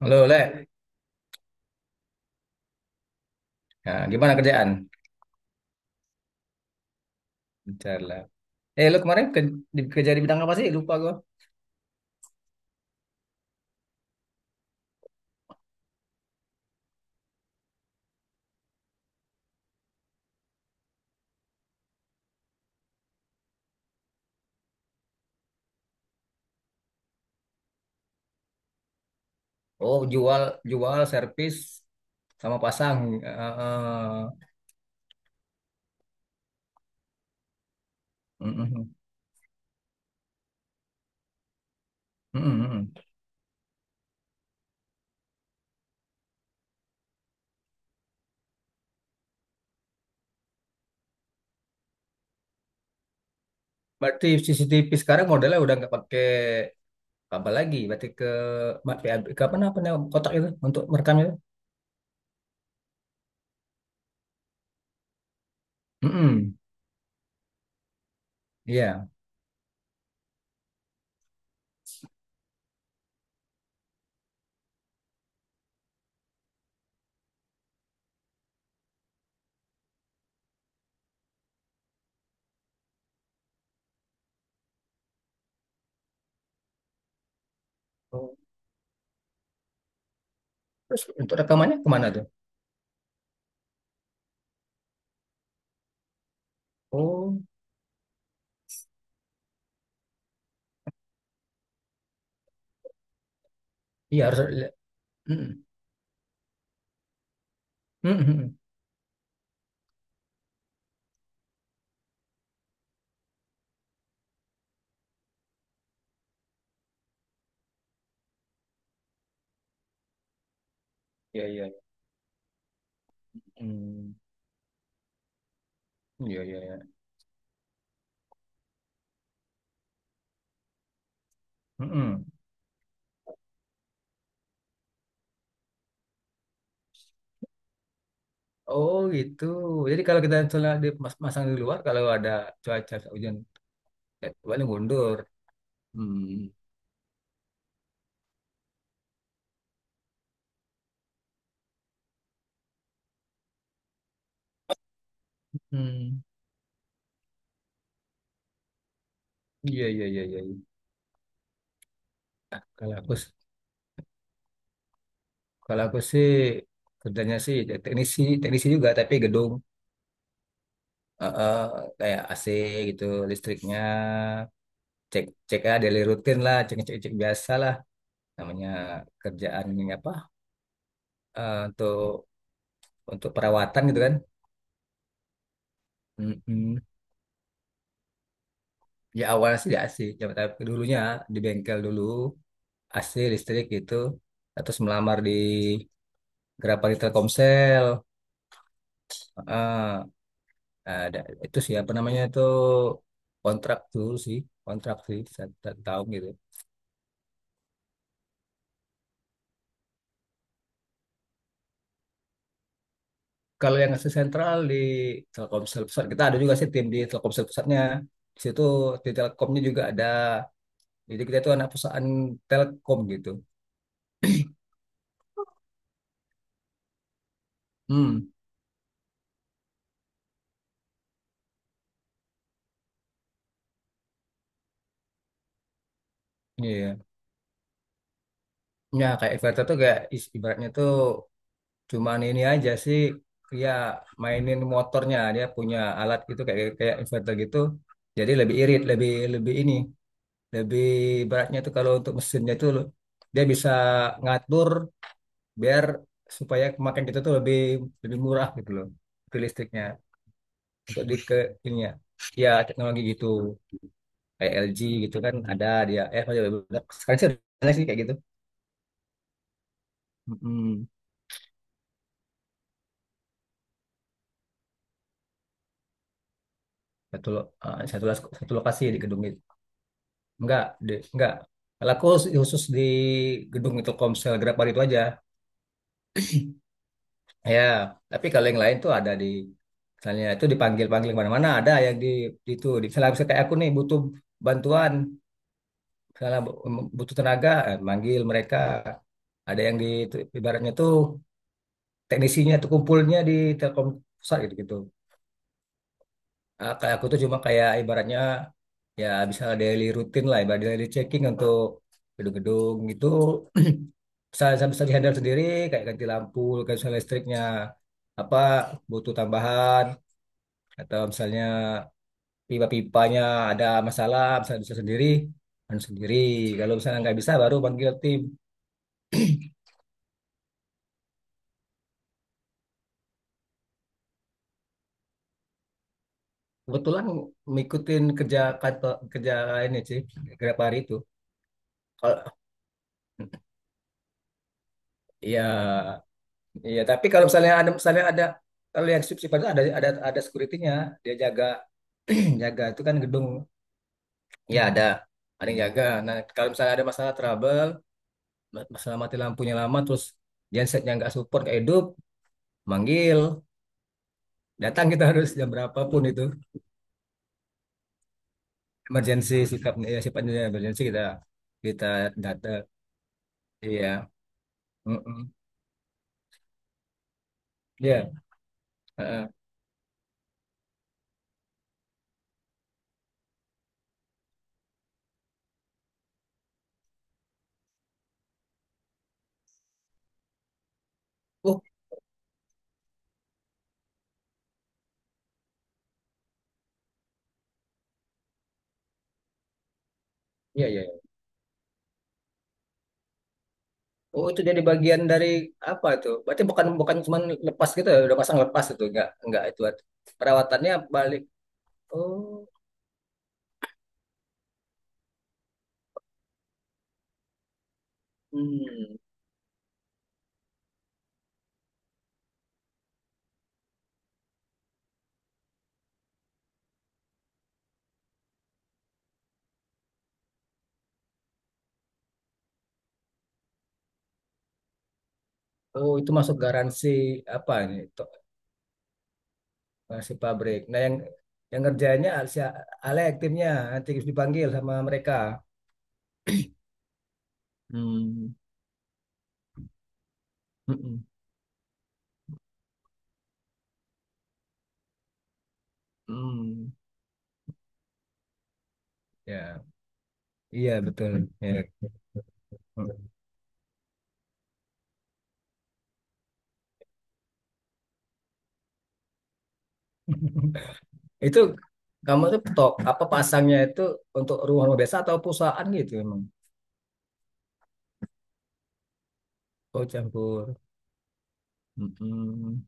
Halo, Le. Nah, gimana kerjaan? Bentar lah. Eh, lu kemarin ke, di, kerja di bidang apa sih? Lupa gua. Oh, jual, servis, sama pasang. Eh, eh, mm, mm, mm, mm. Berarti CCTV sekarang modelnya udah nggak pakai kabel lagi. Berarti ke PAB, ke apa namanya kotak itu untuk merekam itu? Mm-mm. Iya. Oh, terus untuk rekamannya kemana tuh? Oh, iya harus. Mm, mm, mm. Iya, iya. Mm, iya, iya, iya. Mm-mm. Oh gitu. Jadi kalau kita misalnya dimasang di luar, kalau ada cuaca hujan, eh, boleh mundur. Hmm. Hmm. Iya iya iya iya. Iya. Kalau aku s- Kalau aku sih kerjanya sih ya teknisi teknisi juga tapi gedung. Eh, eh, Kayak AC gitu listriknya cek cek ya daily rutin lah cek cek cek biasa lah namanya kerjaan ini apa eh, untuk untuk perawatan gitu kan. Hmm. Ya awalnya sih. Ya, tapi dulunya di bengkel dulu. AC listrik gitu terus melamar di Grapari Telkomsel. Ah, ada itu siapa namanya itu kontrak dulu sih kontrak sih satu satu tahun gitu. Kalau yang ngasih sentral di Telkomsel pusat kita ada juga sih tim di Telkomsel pusatnya di situ di Telkomnya juga ada jadi kita itu anak perusahaan Telkom gitu. Hmm. Iya ya kayak inverter tuh kayak ibaratnya tuh. Cuman ini aja sih ya mainin motornya dia punya alat gitu kayak kayak inverter gitu. Jadi lebih irit, lebih lebih ini, lebih beratnya tuh kalau untuk mesinnya tuh dia bisa ngatur biar supaya kemakan kita tuh lebih lebih murah gitu loh ke listriknya untuk di ke ini ya. Ya teknologi gitu kayak LG gitu kan ada dia eh apa sekarang sih ada sih kayak gitu. Mm-mm. Satu lo- eh, satu las- Satu lokasi di gedung. Enggak, di, enggak. Kalau aku khusus khusus di gedung Telkomsel Grabbar itu aja. Ya, tapi kalau yang lain tuh ada di misalnya itu dipanggil-panggil mana-mana ada yang di itu di misalnya kayak aku nih butuh bantuan, misalnya butuh tenaga, eh, manggil mereka. Ada yang di itu, ibaratnya tuh teknisinya tuh kumpulnya di Telkom pusat gitu gitu. Ah, kayak aku tuh cuma kayak ibaratnya ya bisa daily rutin lah, ibarat daily checking untuk gedung-gedung gitu bisa bisa bisa dihandle sendiri kayak ganti lampu, ganti misalnya listriknya apa butuh tambahan atau misalnya pipa-pipanya ada masalah bisa bisa sendiri dan sendiri kalau misalnya nggak bisa baru panggil tim. Kebetulan ngikutin kerja kantor kerja ini sih beberapa hari itu kalau ya. Iya, tapi kalau misalnya ada kalau yang shift itu ada security-nya, dia jaga jaga itu kan gedung. Ya ada yang jaga. Nah, kalau misalnya ada masalah trouble, masalah mati lampunya lama terus gensetnya nggak support nggak hidup, manggil, datang kita harus jam berapapun itu. Emergency sikapnya ya sifatnya emergency kita kita data. Iya. Mm-mm. Iya. Heeh. Oh, iya iya. Oh, itu jadi bagian dari apa tuh? Berarti bukan bukan cuma lepas gitu ya, udah pasang lepas itu enggak itu perawatannya balik. Oh, hmm. Oh, itu masuk garansi apa nih? Garansi pabrik. Nah, yang kerjanya si Ale aktifnya nanti dipanggil sama mereka. Hmm. Mm-mm. Hmm. Ya, iya betul. Ya. Itu kamu tuh tok apa pasangnya itu untuk rumah biasa atau perusahaan gitu emang? Oh, campur. Mm-mm.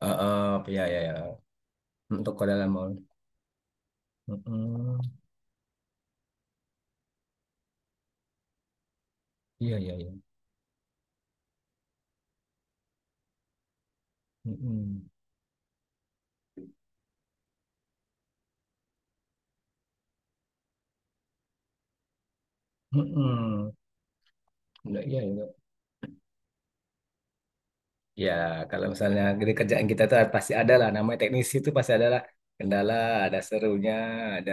Eh, eh, ya ya ya. Untuk Kodalam Mall. Mm-mm. Iya iya iya. Mm-mm. Mm-mm. Nggak, iya iya. Ya kalau misalnya di kerjaan kita tuh pasti ada lah. Namanya teknisi itu pasti ada lah. Kendala, ada serunya, ada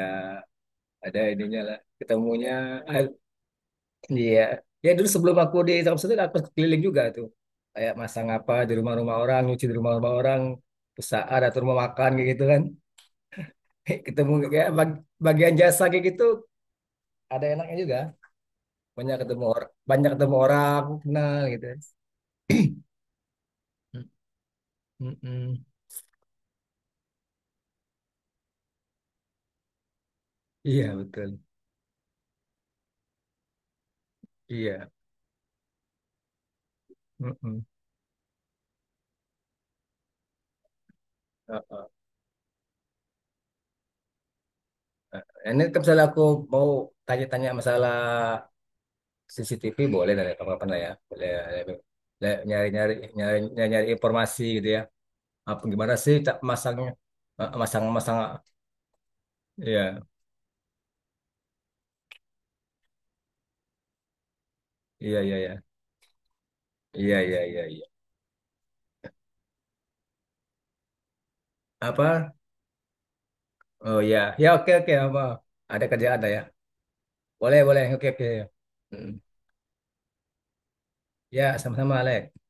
ada ininya lah. Ketemunya. Ah, iya. Ya dulu sebelum aku di Thompson itu aku keliling juga tuh. Kayak masang apa di rumah-rumah orang, nyuci di rumah-rumah orang, usaha atau rumah makan kayak gitu kan. Ketemu kayak bagian jasa kayak gitu ada enaknya juga banyak ketemu orang kenal gitu. Mm, mm, mm. Iya betul iya. Mm-mm. Uh-uh. Ini kalau misalnya aku mau tanya-tanya masalah CCTV boleh dari kapan-kapan lah ya boleh boleh nyari-nyari nyari-nyari nyari informasi gitu ya apa gimana sih tak masangnya masang masang. Iya iya iya iya iya iya iya iya. Apa. Oh ya ya oke oke. Apa ada kerjaan ada ya. Boleh boleh oke oke. Mm. Ya sama-sama, Alex.